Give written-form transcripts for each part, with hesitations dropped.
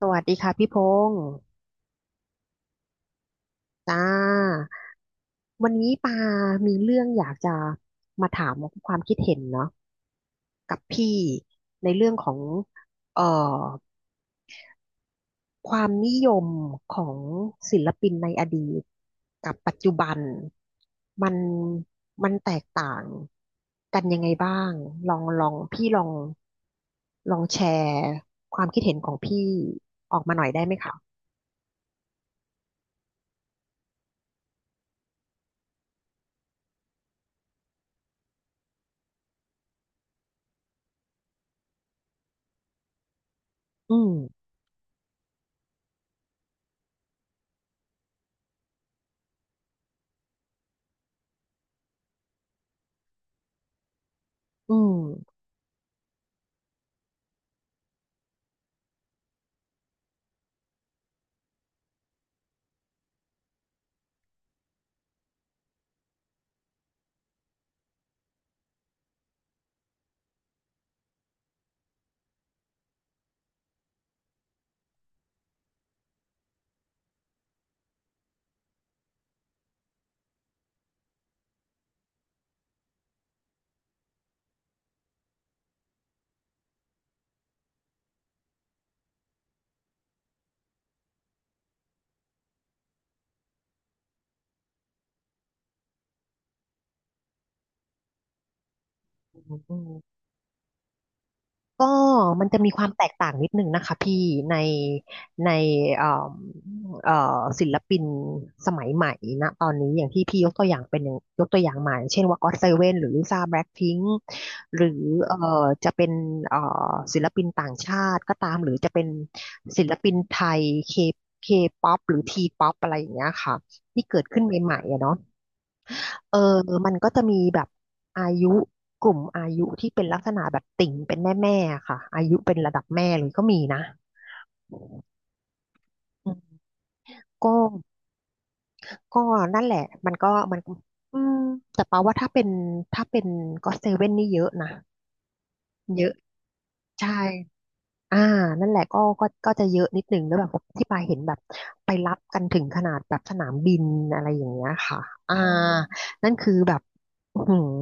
สวัสดีค่ะพี่พงษ์จ้าวันนี้ปามีเรื่องอยากจะมาถามความคิดเห็นเนาะกับพี่ในเรื่องของเอ่อความนิยมของศิลปินในอดีตกับปัจจุบันมันมันแตกต่างกันยังไงบ้างลองลองพี่ลองลองแชร์ความคิดเห็นของพี่ออกมาหน่อยได้ไหมคะอืมอืมอืม ก็มันจะมีความแตกต่างนิดนึงนะคะพี่ในในเอ่อเอ่ศิลปินสมัยใหม่นะตอนนี้อย่างที่พี่ยกตัวอย่างเป็นอย่างยกตัวอย่างมาอย่างเช่นว่าก็ o เซเว่นหรือลิซ่าแบล็คพิงค์หรือเอ่อจะเป็นศิลปินต่างชาติก็ตามหรือจะเป็นศิลปินไทยเคเคป๊อปหรือทีป๊อปอะไรอย่างเงี้ยค่ะที่เกิดขึ้นใหม่ๆอะเนาะ เออมันก็จะมีแบบอายุกลุ่มอายุที่เป็นลักษณะแบบติ่งเป็นแม่แม่ค่ะอายุเป็นระดับแม่เลยก็มีนะอืมก็ก็นั่นแหละมันอืมแต่ปาว่าถ้าเป็นก็เซเว่นนี่เยอะนะเยอะใช่ อ่านั่นแหละก็จะเยอะนิดหนึ่งแล้วแบบที่ปาเห็นแบบไปรับกันถึงขนาดแบบสนามบินอะไรอย่างเงี้ยค่ะอ่านั่นคือแบบอื้อหือ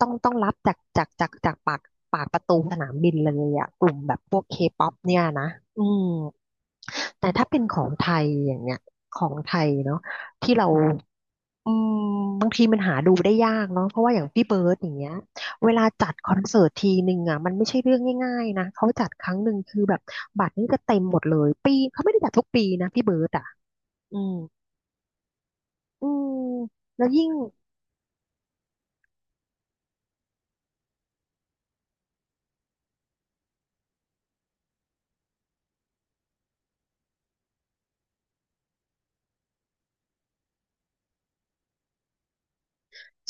ต้องรับจากปากปากประตูสนามบินเลยอะกลุ่มแบบพวกเคป๊อปเนี่ยนะอืม แต่ถ้าเป็นของไทยอย่างเงี้ยของไทยเนาะที่เราอืมบางทีมันหาดูได้ยากเนาะเพราะว่าอย่างพี่เบิร์ดอย่างเงี้ยเวลาจัดคอนเสิร์ตทีหนึ่งอ่ะมันไม่ใช่เรื่องง่ายๆนะเขาจัดครั้งหนึ่งคือแบบบัตรนี่ก็เต็มหมดเลยปีเขาไม่ได้จัดทุกปีนะพี่เบิร์ดอ่ะอืมอืมแล้วยิ่ง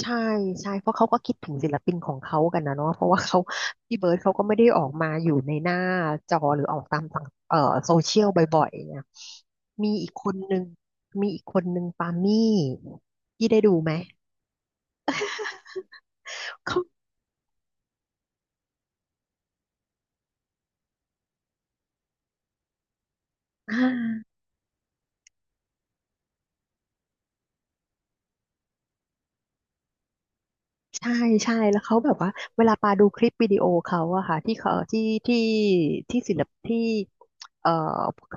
ใช่ใช่เพราะเขาก็คิดถึงศิลปินของเขากันนะเนาะเพราะว่าเขาพี่เบิร์ดเขาก็ไม่ได้ออกมาอยู่ในหน้าจอหรือออกตามต่างโซเชียลบ่อยๆเนี่ยมีอีกคนนึงมีอีกคนนึงปามี่พี่ได้ดูไหมเขาอ่า ใช่ใช่แล้วเขาแบบว่าเวลาปาดูคลิปวิดีโอเขาอะค่ะที่เขาที่ที่ที่ศิลปที่เอ่อ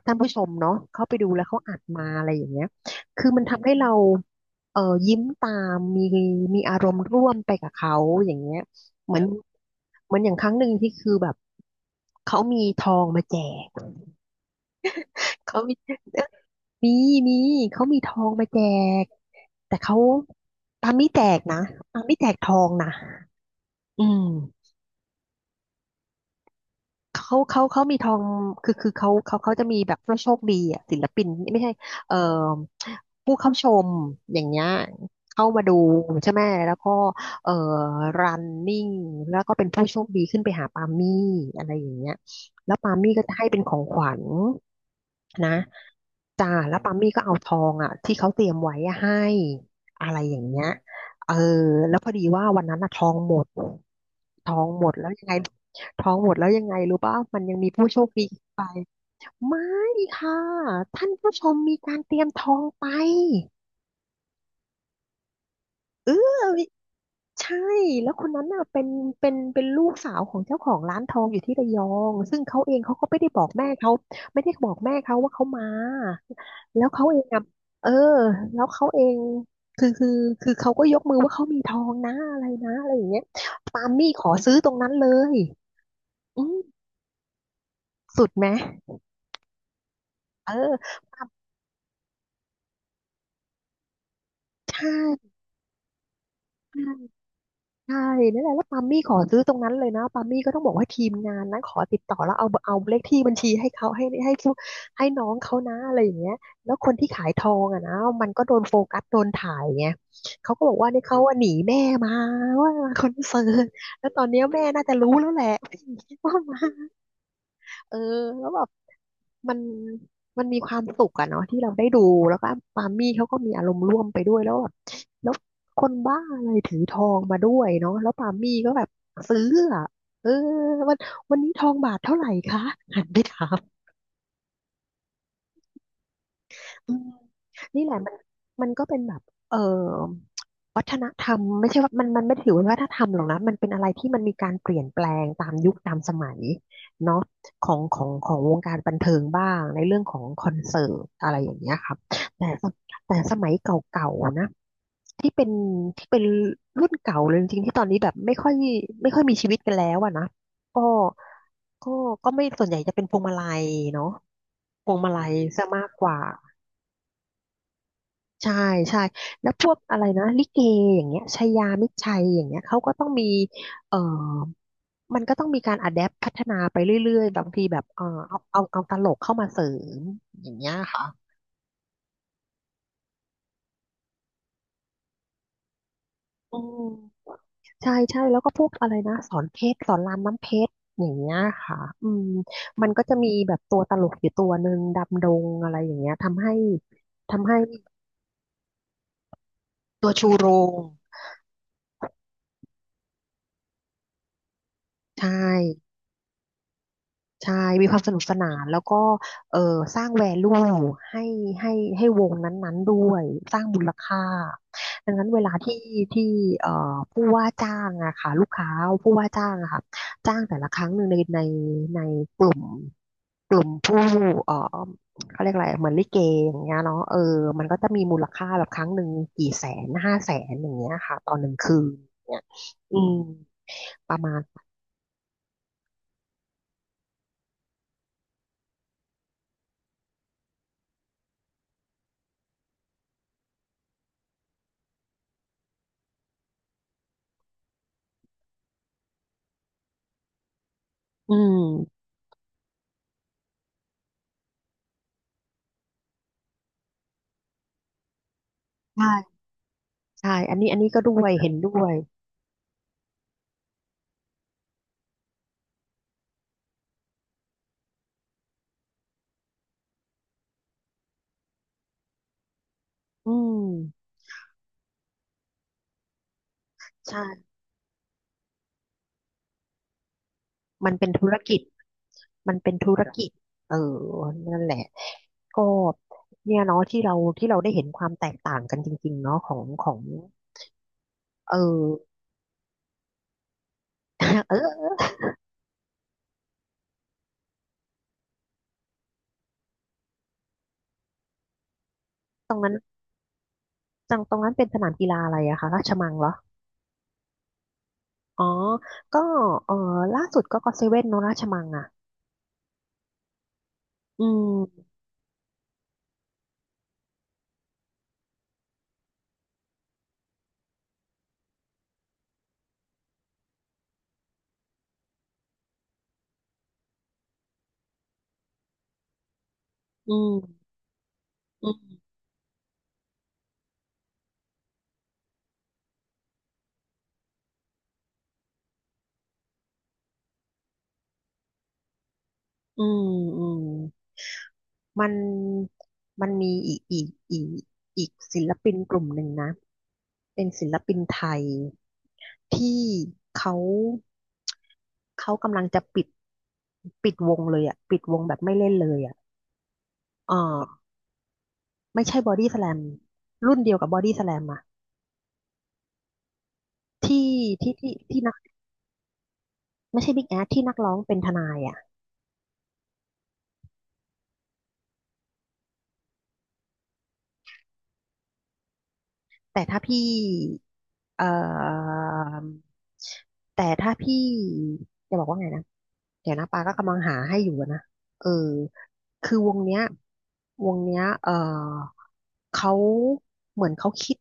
ท่านผู้ชมเนาะเขาไปดูแล้วเขาอัดมาอะไรอย่างเงี้ยคือมันทำให้เราเอ่อยิ้มตามมีอารมณ์ร่วมไปกับเขาอย่างเงี้ยเหมือนเหมือนอย่างครั้งหนึ่งที่คือแบบเขามีทองมาแจกเขามีมีมีเขามีทองมาแจกแต่เขาปาไม่แจกนะปาไม่แจกทองนะอืม เขามีทองคือคือเขาจะมีแบบผู้โชคดีอ่ะศิลปินไม่ใช่เอ่อผู้เข้าชมอย่างเงี้ยเข้ามาดูใช่ไหมแล้วก็เอ่อรันนิ่งแล้วก็เป็นผู้โชคดีขึ้นไปหาปามี่อะไรอย่างเงี้ยแล้วปามี่ก็จะให้เป็นของขวัญนะจ้าแล้วปามี่ก็เอาทองอ่ะที่เขาเตรียมไว้อะให้อะไรอย่างเงี้ยเออแล้วพอดีว่าวันนั้นอะทองหมด ท้องหมดแล้วยังไงท้องหมดแล้วยังไงรู้ป่ะมันยังมีผู้โชคดีอีกไปไม่ค่ะท่านผู้ชมมีการเตรียมท้องไปเออใช่แล้วคนนั้นน่ะเป็นเป็นลูกสาวของเจ้าของร้านทองอยู่ที่ระยองซึ่งเขาเองเขาก็ไม่ได้บอกแม่เขาไม่ได้บอกแม่เขาว่าเขามาแล้วเขาเองอะเออแล้วเขาเองคือคือคือเขาก็ยกมือว่าเขามีทองนะอะไรนะอะไรอย่างเงี้ยปาล์มมี่ขอซื้อตรงนั้นเลยอืมสุดไหม เออปาใช่ใช่ใช่นั่นแหละแล้วปามี่ขอซื้อตรงนั้นเลยนะปามี่ก็ต้องบอกว่าทีมงานนั้นขอติดต่อแล้วเอาเลขที่บัญชีให้เขาให้น้องเขานะอะไรอย่างเงี้ยแล้วคนที่ขายทองอ่ะนะมันก็โดนโฟกัสโดนถ่ายไงเขาก็บอกว่าเนี่ยเขาว่าหนีแม่มาว่ามาคอนเสิร์ตแล้วตอนเนี้ยแม่น่าจะรู้แล้วแหละ ว่ามาเออแล้วแบบ มันมันมีความสุขอะเนาะที่เราได้ดูแล้วก็ปามี่เขาก็มีอารมณ์ร่วมไปด้วยแล้วแบบแล้วคนบ้าอะไรถือทองมาด้วยเนาะแล้วปามี่ก็แบบซื้ออะเออวันวันนี้ทองบาทเท่าไหร่คะหันไปถาม อืมนี่แหละมันก็เป็นแบบเอ่อวัฒนธรรมไม่ใช่ว่ามันไม่ได้ถือว่าวัฒนธรรมหรอกนะมันเป็นอะไรที่มันมีการเปลี่ยนแปลงตามยุคตามสมัยเนาะของวงการบันเทิงบ้างในเรื่องของคอนเสิร์ตอะไรอย่างเงี้ยครับแต่สแต่สมัยเก่าๆนะที่เป็นที่เป็นรุ่นเก่าเลยจริงๆที่ตอนนี้แบบไม่ค่อยมีชีวิตกันแล้วอะนะก็ก็ก็ไม่ส่วนใหญ่จะเป็นพวงมาลัยเนาะพวงมาลัยซะมากกว่า ใช่ใช่แล้วพวกอะไรนะลิเกอย่างเงี้ยชายามิตรชัยอย่างเงี้ยเขาก็ต้องมีเอ่อมันก็ต้องมีการอะแดปพัฒนาไปเรื่อยๆบางทีแบบเอาตลกเข้ามาเสริมอย่างเงี้ยค่ะอืมใช่ใช่แล้วก็พวกอะไรนะสอนเพชรสอนรามน้ำเพชรอย่างเงี้ยค่ะอืมมันก็จะมีแบบตัวตลกอยู่ตัวหนึ่งดำดงอะไรอย่างเงี้ยทำให้ทำให้ตัวชูโรงใช่ ใช่มีความสนุกสนานแล้วก็เออสร้างแวลูให้ให้ให้วงนั้นๆด้วยสร้างมูลค่าดังนั้นเวลาที่ที่เอ่อผู้ว่าจ้างอะค่ะลูกค้าผู้ว่าจ้างอะค่ะจ้างแต่ละครั้งหนึ่งในกลุ่มกลุ่มผู้เอ่อเขาเรียกอะไรเหมือนลิเกอย่างเงี้ยเนาะเออมันก็จะมีมูลค่าแบบครั้งหนึ่งกี่แสน500,000อย่างเงี้ยค่ะตอนหนึ่งคืนเนี่ยอืมประมาณอืมใช่ใช่อันนี้ก็ด้วยเห็นด้วย อืมใช่มันเป็นธุรกิจมันเป็นธุรกิจเออนั่นแหละก็เนี่ยเนาะที่เราได้เห็นความแตกต่างกันจริงๆเนาะของเออ เออตรงนั้นจังตรงนั้นเป็นสนามกีฬาอะไรอะคะราชมังเหรออ๋อก็เออล่าสุดก็เซเว่นเนาะราชมังอะอืมอืมอืมอืมอืม มันมันมีอีกศิลปินกลุ่มหนึ่งนะเป็นศิลปินไทยที่เขาเขากำลังจะปิดวงเลยอ่ะปิดวงแบบไม่เล่นเลยอ่ะเออไม่ใช่บอดี้สแลมรุ่นเดียวกับบอดี้สแลมอ่ะที่ที่ไม่ใช่บิ๊กแอสที่นักร้องเป็นทนายอ่ะ แต่ถ้าพี่เอ่อแต่ถ้าพี่จะบอกว่าไงนะ เดี๋ยวนะปาก็กำลังหาให้อยู่อะนะเออคือวงเนี้ยเขาเหมือนเขา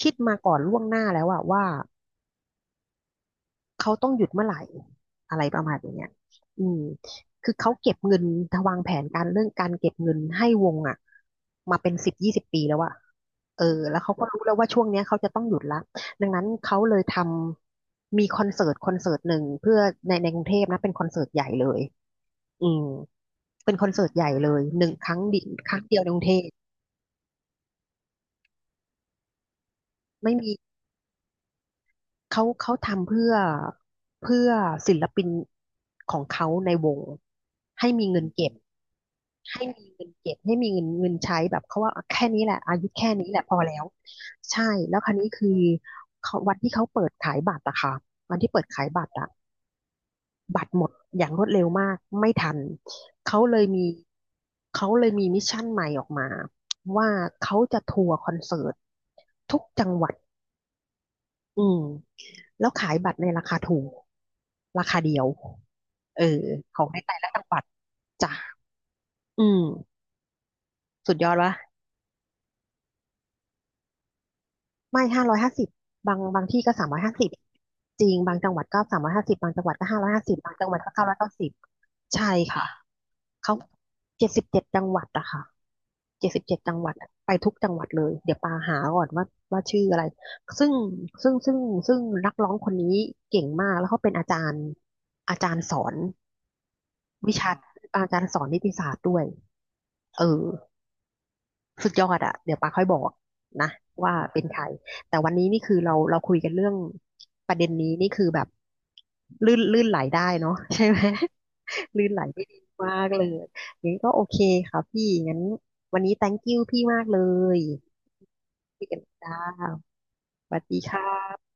คิดมาก่อนล่วงหน้าแล้วอะว่า เขาต้องหยุดเมื่อไหร่อะไรประมาณอย่างเงี้ยอืมคือเขาเก็บเงินวางแผนการเรื่องการเก็บเงินให้วงอ่ะมาเป็นสิบยี่สิบปีแล้วอะเออแล้วเขาก็รู้แล้วว่าช่วงเนี้ยเขาจะต้องหยุดละดังนั้นเขาเลยมีคอนเสิร์ตหนึ่งเพื่อในกรุงเทพนะเป็นคอนเสิร์ตใหญ่เลยอืมเป็นคอนเสิร์ตใหญ่เลยหนึ่งครั้งดิครั้งเดียวในกรุงเทพไม่มี เขาทำเพื่อเพื่อศิลปินของเขาในวงให้มีเงินเก็บให้มีเงินใช้แบบเขาว่าแค่นี้แหละอายุแค่นี้แหละพอแล้วใช่แล้วคราวนี้คือเขาวันที่เขาเปิดขายบัตรอะค่ะวันที่เปิดขายบัตรอะบัตรหมดอย่างรวดเร็วมากไม่ทันเขาเลยมีเขาเลยมีมิชชั่นใหม่ออกมาว่าเขาจะทัวร์คอนเสิร์ตทุกจังหวัดอืม แล้วขายบัตรในราคาถูกราคาเดียวเออของในแต่ละจังหวัดจ้ะอืมสุดยอดวะไม่ห้าร้อยห้าสิบบางที่ก็สามร้อยห้าสิบจริงบางจังหวัดก็สามร้อยห้าสิบบางจังหวัดก็ห้าร้อยห้าสิบบางจังหวัดก็990ใช่ค่ะเขาเจ็ดสิบเจ็ดจังหวัดอะค่ะเจ็ดสิบเจ็ดจังหวัดอะไปทุกจังหวัดเลยเดี๋ยวปาหาก่อนว่าว่าชื่ออะไรซึ่งซึ่งซึ่งซึ่งนักร้องคนนี้เก่งมากแล้วเขาเป็นอาจารย์สอน วิชาอาจารย์สอนนิติศาสตร์ด้วยเออสุดยอดอะเดี๋ยวปาค่อยบอกนะว่าเป็นใครแต่วันนี้นี่คือเราคุยกันเรื่องประเด็นนี้นี่คือแบบลื่นไหลได้เนาะ ใช่ไหม ลื่นไหลได้ดีมากเลยอย่างนี้ก็โอเคค่ะพี่งั้นวันนี้ thank you พี่มากเลยคุยกันจ้าสวัสดีค่ะ